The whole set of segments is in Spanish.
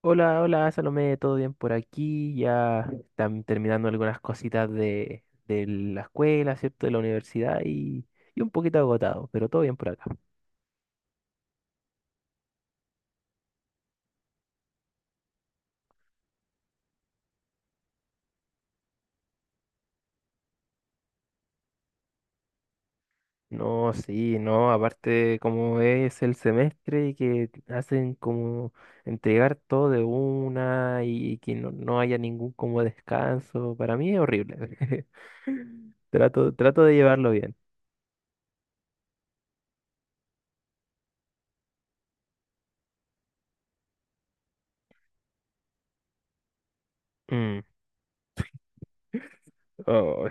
Hola, hola, Salomé, ¿todo bien por aquí? Ya están terminando algunas cositas de la escuela, ¿cierto? De la universidad y un poquito agotado, pero todo bien por acá. No, sí, no, aparte como es el semestre y que hacen como entregar todo de una y que no, no haya ningún como descanso, para mí es horrible. Trato, trato de llevarlo bien. Mm, oh,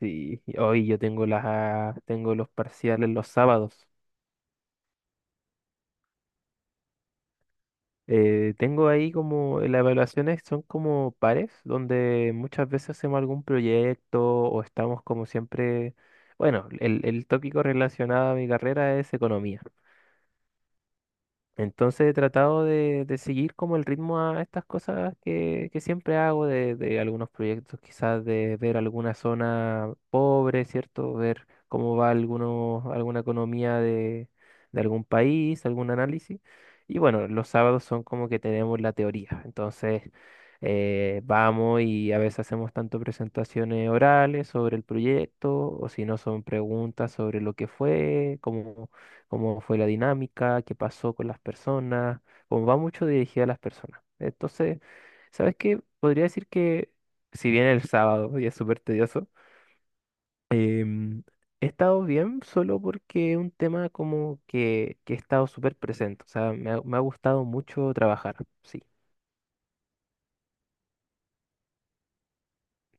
sí, hoy yo tengo los parciales los sábados. Tengo ahí como las evaluaciones son como pares, donde muchas veces hacemos algún proyecto o estamos como siempre, bueno, el tópico relacionado a mi carrera es economía. Entonces he tratado de seguir como el ritmo a estas cosas que siempre hago, de algunos proyectos, quizás de ver alguna zona pobre, ¿cierto? Ver cómo va algunos alguna economía de algún país, algún análisis. Y bueno, los sábados son como que tenemos la teoría. Entonces vamos y a veces hacemos tanto presentaciones orales sobre el proyecto, o si no son preguntas sobre lo que fue, como cómo fue la dinámica, qué pasó con las personas, como va mucho dirigida a las personas. Entonces, ¿sabes qué? Podría decir que si bien el sábado y es súper tedioso, em, he estado bien solo porque es un tema como que he estado súper presente. O sea, me ha gustado mucho trabajar, sí.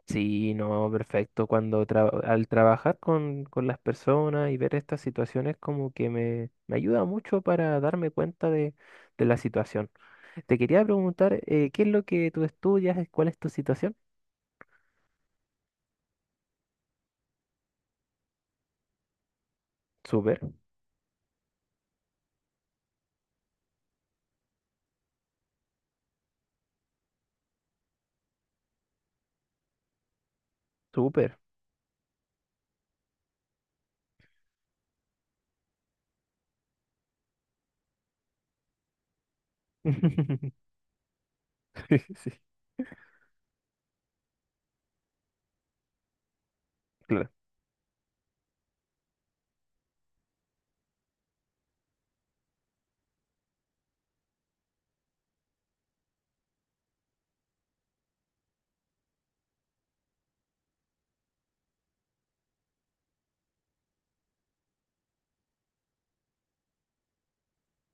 Sí, no, perfecto. Cuando al trabajar con las personas y ver estas situaciones como que me ayuda mucho para darme cuenta de la situación. Te quería preguntar, ¿qué es lo que tú estudias? ¿Cuál es tu situación? Súper, súper. Sí, claro.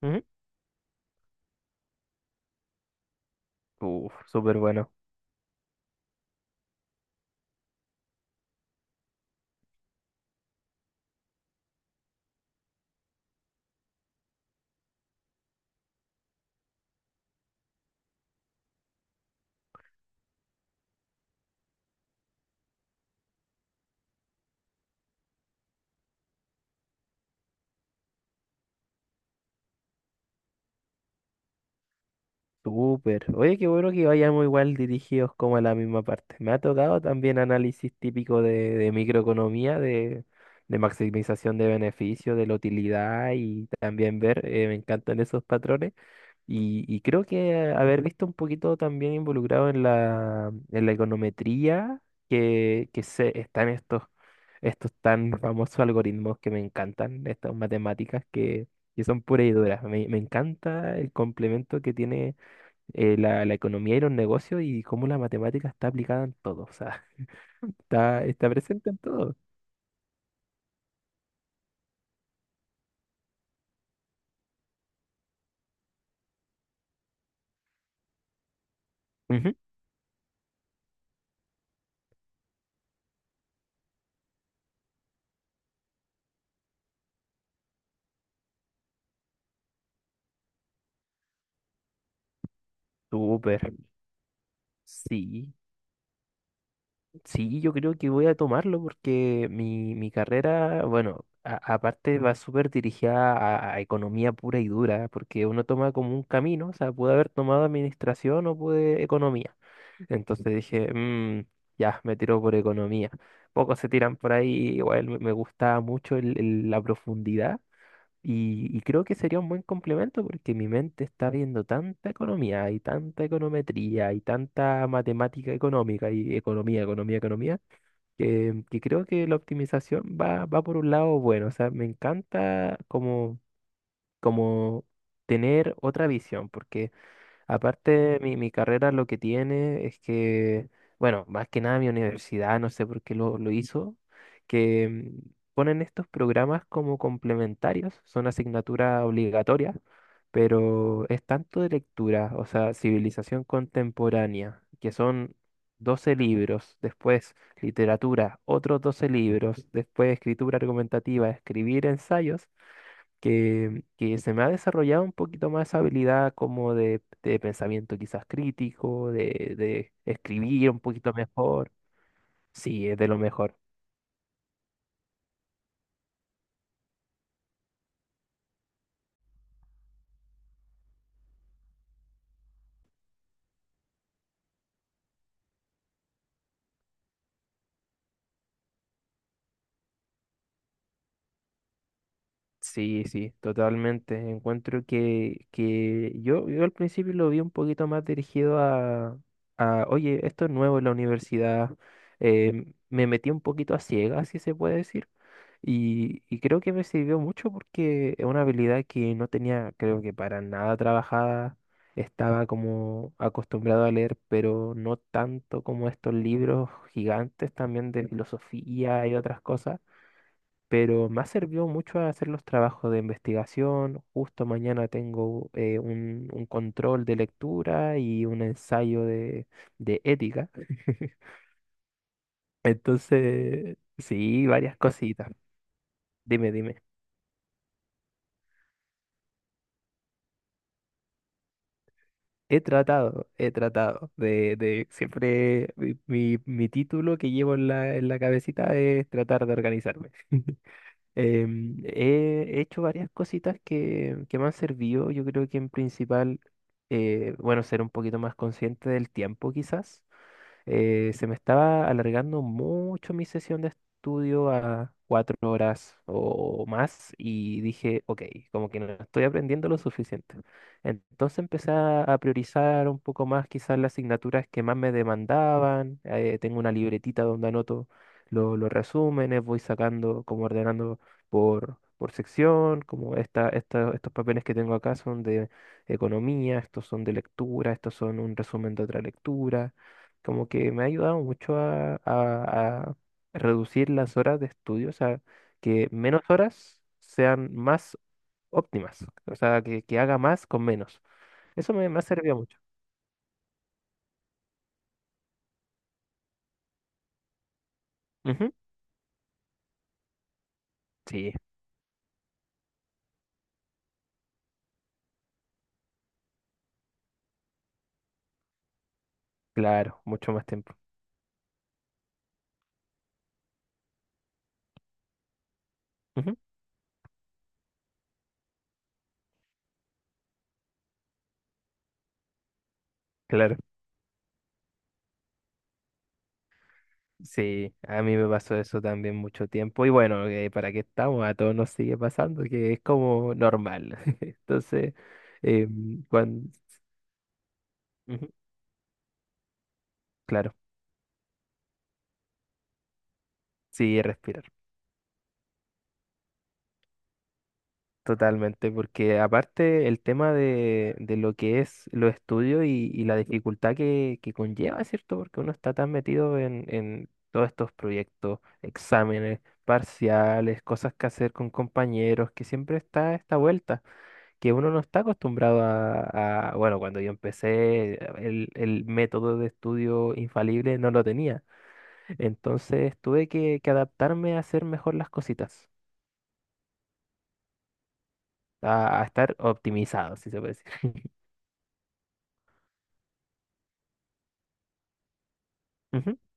Ujú. Uf, súper bueno, súper. Oye, qué bueno que vayamos igual dirigidos como a la misma parte. Me ha tocado también análisis típico de microeconomía, de maximización de beneficios, de la utilidad y también ver, me encantan esos patrones. Y creo que haber visto un poquito también involucrado en la econometría que se, están estos tan famosos algoritmos que me encantan, estas matemáticas que son puras y duras. Me encanta el complemento que tiene la economía y los negocios y cómo la matemática está aplicada en todo, o sea, está, está presente en todo. Ujú. Súper, sí. Sí, yo creo que voy a tomarlo porque mi carrera, bueno, aparte va súper dirigida a economía pura y dura, porque uno toma como un camino, o sea, pude haber tomado administración o pude economía. Entonces dije: Ya, me tiro por economía. Pocos se tiran por ahí, igual me gusta mucho la profundidad y creo que sería un buen complemento porque mi mente está viendo tanta economía y tanta econometría y tanta matemática económica y economía, economía, economía que creo que la optimización va, va por un lado bueno, o sea, me encanta como, como tener otra visión, porque aparte, mi carrera lo que tiene es que, bueno, más que nada mi universidad, no sé por qué lo hizo, que ponen estos programas como complementarios, son asignaturas obligatorias, pero es tanto de lectura, o sea, civilización contemporánea, que son 12 libros, después literatura, otros 12 libros, después escritura argumentativa, escribir ensayos que se me ha desarrollado un poquito más esa habilidad como de pensamiento quizás crítico, de escribir un poquito mejor. Sí, es de lo mejor. Sí, sí, totalmente. Encuentro que yo, yo al principio lo vi un poquito más dirigido a, oye, esto es nuevo en la universidad. Me metí un poquito a ciegas, si se puede decir. Y creo que me sirvió mucho porque es una habilidad que no tenía, creo que para nada trabajada. Estaba como acostumbrado a leer, pero no tanto como estos libros gigantes también de filosofía y otras cosas. Pero me ha servido mucho a hacer los trabajos de investigación. Justo mañana tengo un control de lectura y un ensayo de ética. Entonces, sí, varias cositas. Dime, dime. He tratado de siempre mi título que llevo en la cabecita es tratar de organizarme. He hecho varias cositas que me han servido. Yo creo que en principal, bueno, ser un poquito más consciente del tiempo quizás se me estaba alargando mucho mi sesión de estudio a 4 horas o más y dije, ok, como que no estoy aprendiendo lo suficiente. Entonces empecé a priorizar un poco más quizás las asignaturas que más me demandaban. Tengo una libretita donde anoto los resúmenes, voy sacando, como ordenando por sección, como estos papeles que tengo acá son de economía, estos son de lectura, estos son un resumen de otra lectura como que me ha ayudado mucho a reducir las horas de estudio, o sea, que menos horas sean más óptimas, o sea, que haga más con menos. Eso me ha servido mucho. Ujú. Sí, claro, mucho más tiempo. Ujú. Claro. Sí, a mí me pasó eso también mucho tiempo y bueno, ¿para qué estamos? A todos nos sigue pasando, que es como normal. Entonces, eh, cuando. Ujú. Claro, sí, respirar. Totalmente, porque aparte el tema de lo que es los estudios y la dificultad que conlleva, ¿cierto? Porque uno está tan metido en todos estos proyectos, exámenes, parciales, cosas que hacer con compañeros, que siempre está esta vuelta, que uno no está acostumbrado bueno, cuando yo empecé, el método de estudio infalible no lo tenía, entonces tuve que adaptarme a hacer mejor las cositas, a estar optimizado, si se puede decir.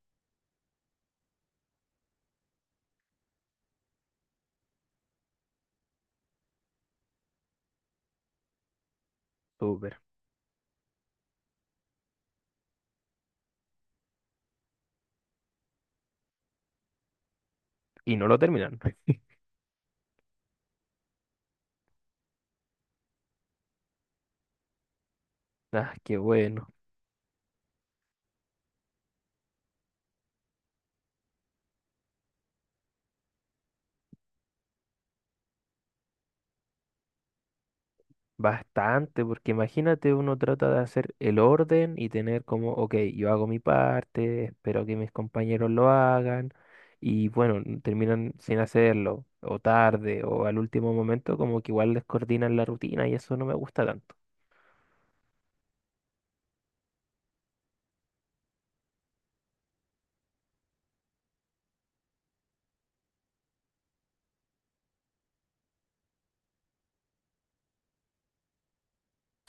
Súper. Y no lo terminaron. Ah, qué bueno. Bastante, porque imagínate, uno trata de hacer el orden y tener como, ok, yo hago mi parte, espero que mis compañeros lo hagan, y bueno, terminan sin hacerlo, o tarde, o al último momento, como que igual descoordinan la rutina y eso no me gusta tanto.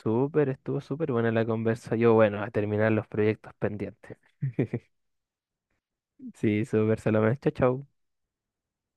Súper, estuvo súper buena la conversa. Yo, bueno, a terminar los proyectos pendientes. Sí, súper, Salomé. Chao, chao.